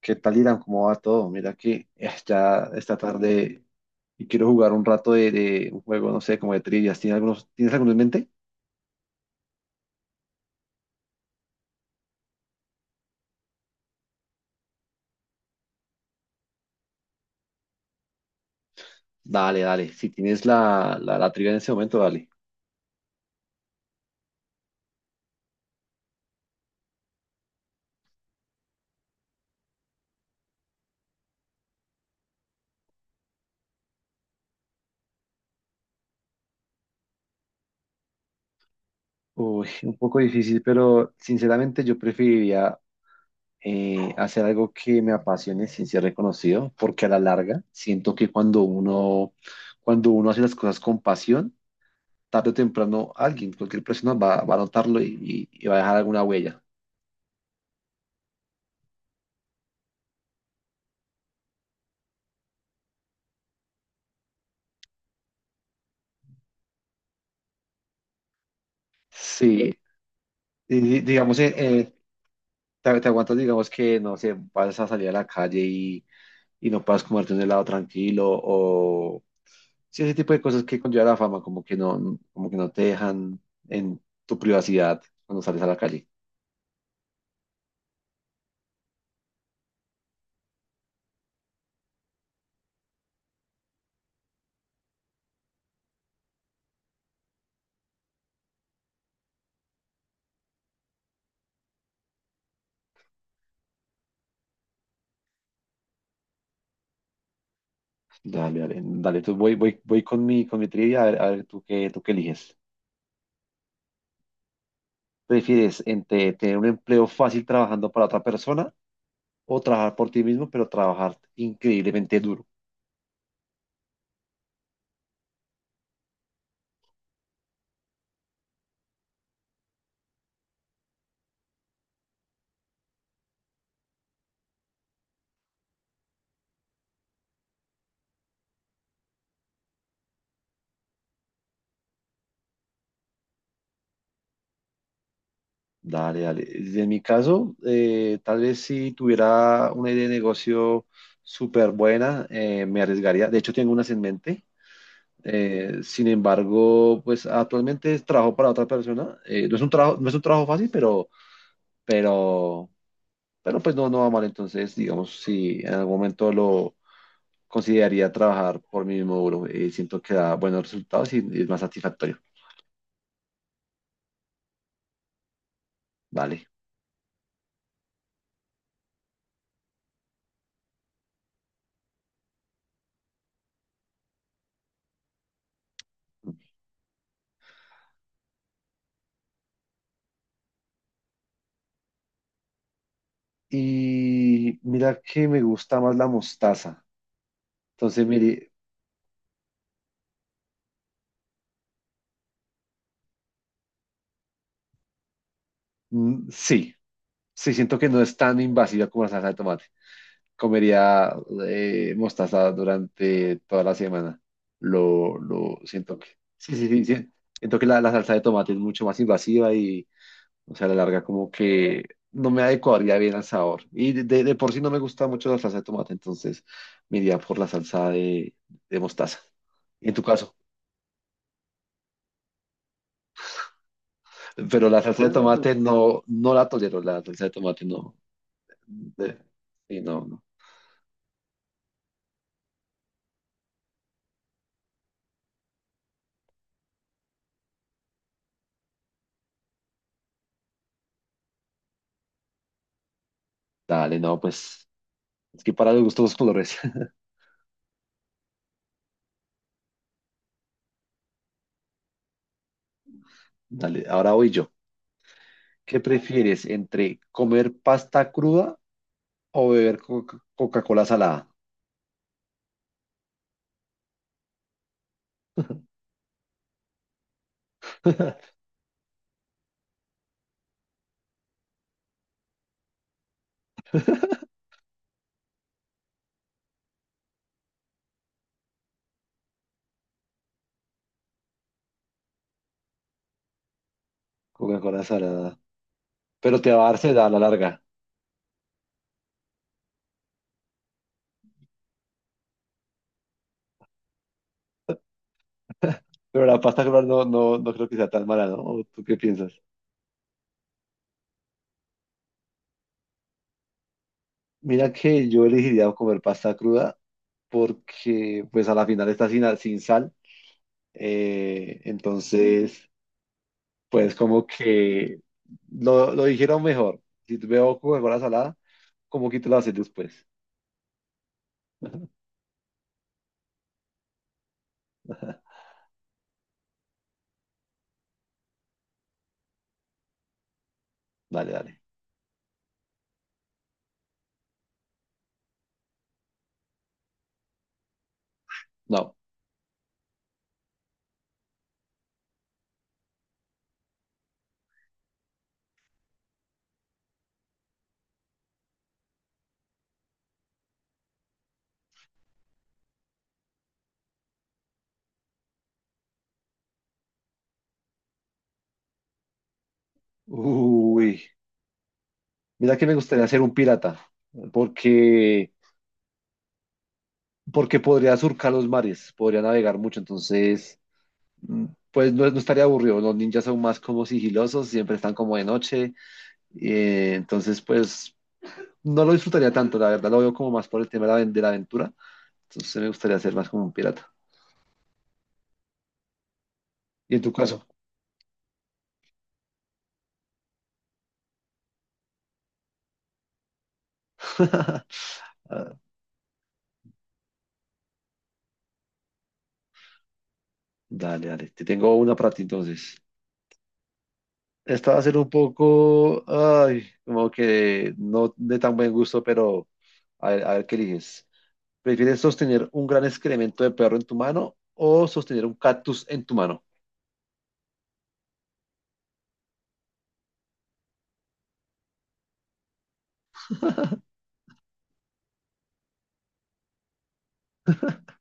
¿Qué tal, Irán? ¿Cómo va todo? Mira que ya esta tarde y quiero jugar un rato de un juego, no sé, como de trivias. ¿Tienes tienes alguno en mente? Dale, dale. Si tienes la trivia en ese momento, dale. Uy, un poco difícil, pero sinceramente yo preferiría hacer algo que me apasione sin ser reconocido, porque a la larga siento que cuando uno hace las cosas con pasión, tarde o temprano alguien, cualquier persona va a notarlo y va a dejar alguna huella. Sí. Y, digamos, te aguantas, digamos que, no sé, vas a salir a la calle y no puedas comerte un helado tranquilo o sí, ese tipo de cosas que conlleva la fama, como que no te dejan en tu privacidad cuando sales a la calle. Dale, dale, dale, voy con mi trivia, a ver tú qué eliges. ¿Prefieres entre tener un empleo fácil trabajando para otra persona o trabajar por ti mismo, pero trabajar increíblemente duro? Dale, dale. En mi caso, tal vez si tuviera una idea de negocio súper buena, me arriesgaría. De hecho, tengo unas en mente. Sin embargo, pues actualmente trabajo para otra persona. No es un trabajo, no es un trabajo fácil, pero, pero pues no, no va mal. Entonces, digamos, si en algún momento lo consideraría trabajar por mí mismo, bro, siento que da buenos resultados y es más satisfactorio. Vale. Y mira que me gusta más la mostaza. Entonces, mire, sí, sí, siento que no es tan invasiva como la salsa de tomate. Comería mostaza durante toda la semana. Lo siento que. Sí, sí, sí, sí. Siento que la salsa de tomate es mucho más invasiva y, o sea, a la larga, como que no me adecuaría bien al sabor. Y de por sí no me gusta mucho la salsa de tomate, entonces me iría por la salsa de mostaza. ¿Y en tu caso? Pero la salsa de... Claro. Tomate no, no la tolero, la salsa de tomate no. De... sí, no, no. Dale, no, pues es que para los gustos los colores. Dale, ahora voy yo. ¿Qué prefieres entre comer pasta cruda o beber Coca-Cola salada? Coca-Cola salada. Pero te va a dar sed a la larga. Pero la pasta cruda no, no creo que sea tan mala, ¿no? ¿O tú qué piensas? Mira que yo elegiría comer pasta cruda porque pues a la final está sin sal. Entonces... pues como que lo dijeron mejor. Si te veo Coca-Cola salada, como que te lo haces después. Dale, dale. No. Uy, mira que me gustaría ser un pirata, porque, porque podría surcar los mares, podría navegar mucho, entonces, pues no, no estaría aburrido. Los ninjas son más como sigilosos, siempre están como de noche, entonces, pues no lo disfrutaría tanto, la verdad, lo veo como más por el tema de de la aventura, entonces me gustaría ser más como un pirata. ¿Y en tu caso? A. Dale, dale. Te tengo una para ti entonces. Esta va a ser un poco, ay, como que no de tan buen gusto, pero a ver qué eliges. ¿Prefieres sostener un gran excremento de perro en tu mano o sostener un cactus en tu mano?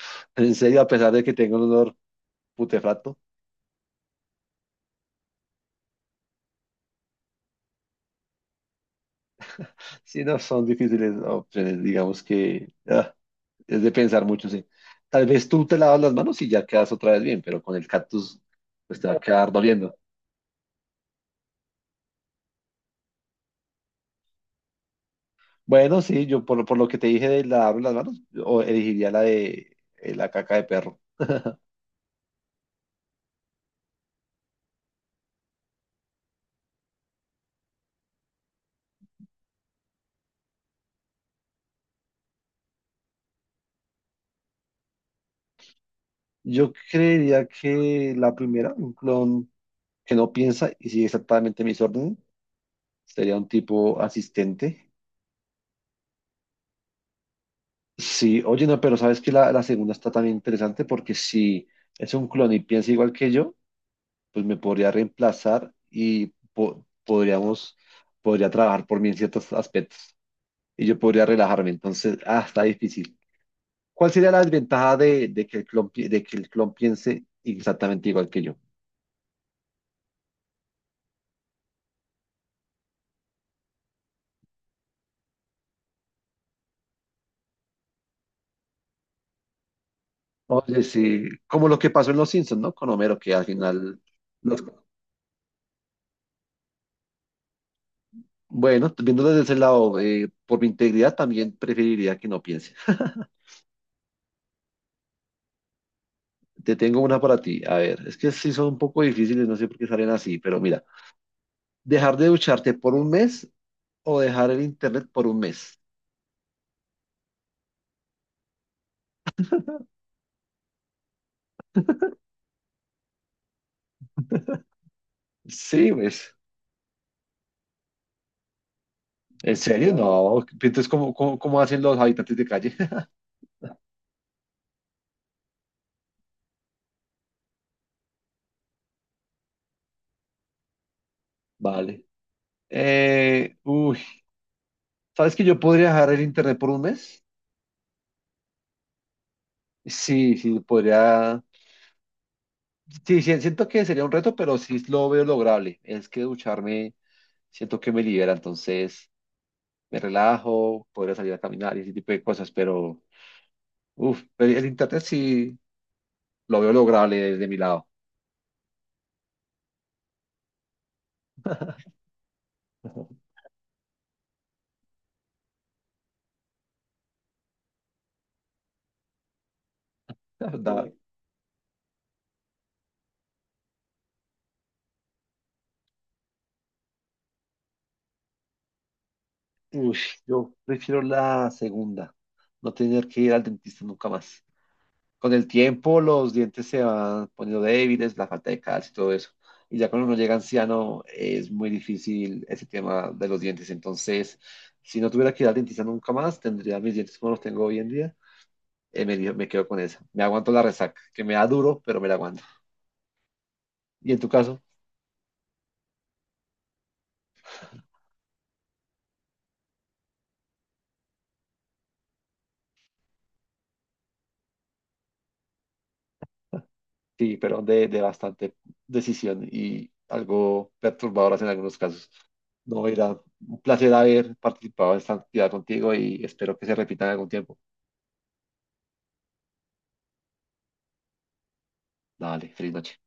En serio, a pesar de que tengo un olor putefacto, sí, no son difíciles opciones, digamos que ah, es de pensar mucho, sí. Tal vez tú te lavas las manos y ya quedas otra vez bien, pero con el cactus pues te va a quedar doliendo. Bueno, sí, yo por lo que te dije de lavarme las manos, o elegiría la de la caca de perro. Yo creería que la primera, un clon que no piensa y sigue exactamente mis órdenes, sería un tipo asistente. Sí, oye, no, pero sabes que la segunda está también interesante porque si es un clon y piensa igual que yo, pues me podría reemplazar y podríamos, podría trabajar por mí en ciertos aspectos y yo podría relajarme. Entonces, ah, está difícil. ¿Cuál sería la desventaja de que el clon, de que el clon piense exactamente igual que yo? Oye, sí, como lo que pasó en Los Simpsons, ¿no? Con Homero, que al final, los- bueno, viendo desde ese lado, por mi integridad también preferiría que no piense. Te tengo una para ti. A ver, es que sí son un poco difíciles, no sé por qué salen así, pero mira, dejar de ducharte por un mes o dejar el internet por un mes. Sí, pues. ¿En serio? No. Entonces, ¿cómo hacen los habitantes de calle? Vale. Uy, ¿sabes que yo podría dejar el internet por un mes? Sí, sí, podría. Sí, sí, siento que sería un reto, pero sí lo veo lograble. Es que ducharme, siento que me libera, entonces me relajo, podría salir a caminar y ese tipo de cosas, pero uf, pero el internet sí lo veo lograble desde mi lado. La verdad, sí. Uy, yo prefiero la segunda, no tener que ir al dentista nunca más. Con el tiempo los dientes se van poniendo débiles, la falta de calcio y todo eso. Y ya cuando uno llega anciano es muy difícil ese tema de los dientes. Entonces, si no tuviera que ir al dentista nunca más, tendría mis dientes como los tengo hoy en día. Me quedo con esa. Me aguanto la resaca, que me da duro, pero me la aguanto. Y en tu caso, sí, pero de bastante decisión y algo perturbadoras en algunos casos. No, era un placer haber participado en esta actividad contigo y espero que se repita en algún tiempo. Dale, feliz noche.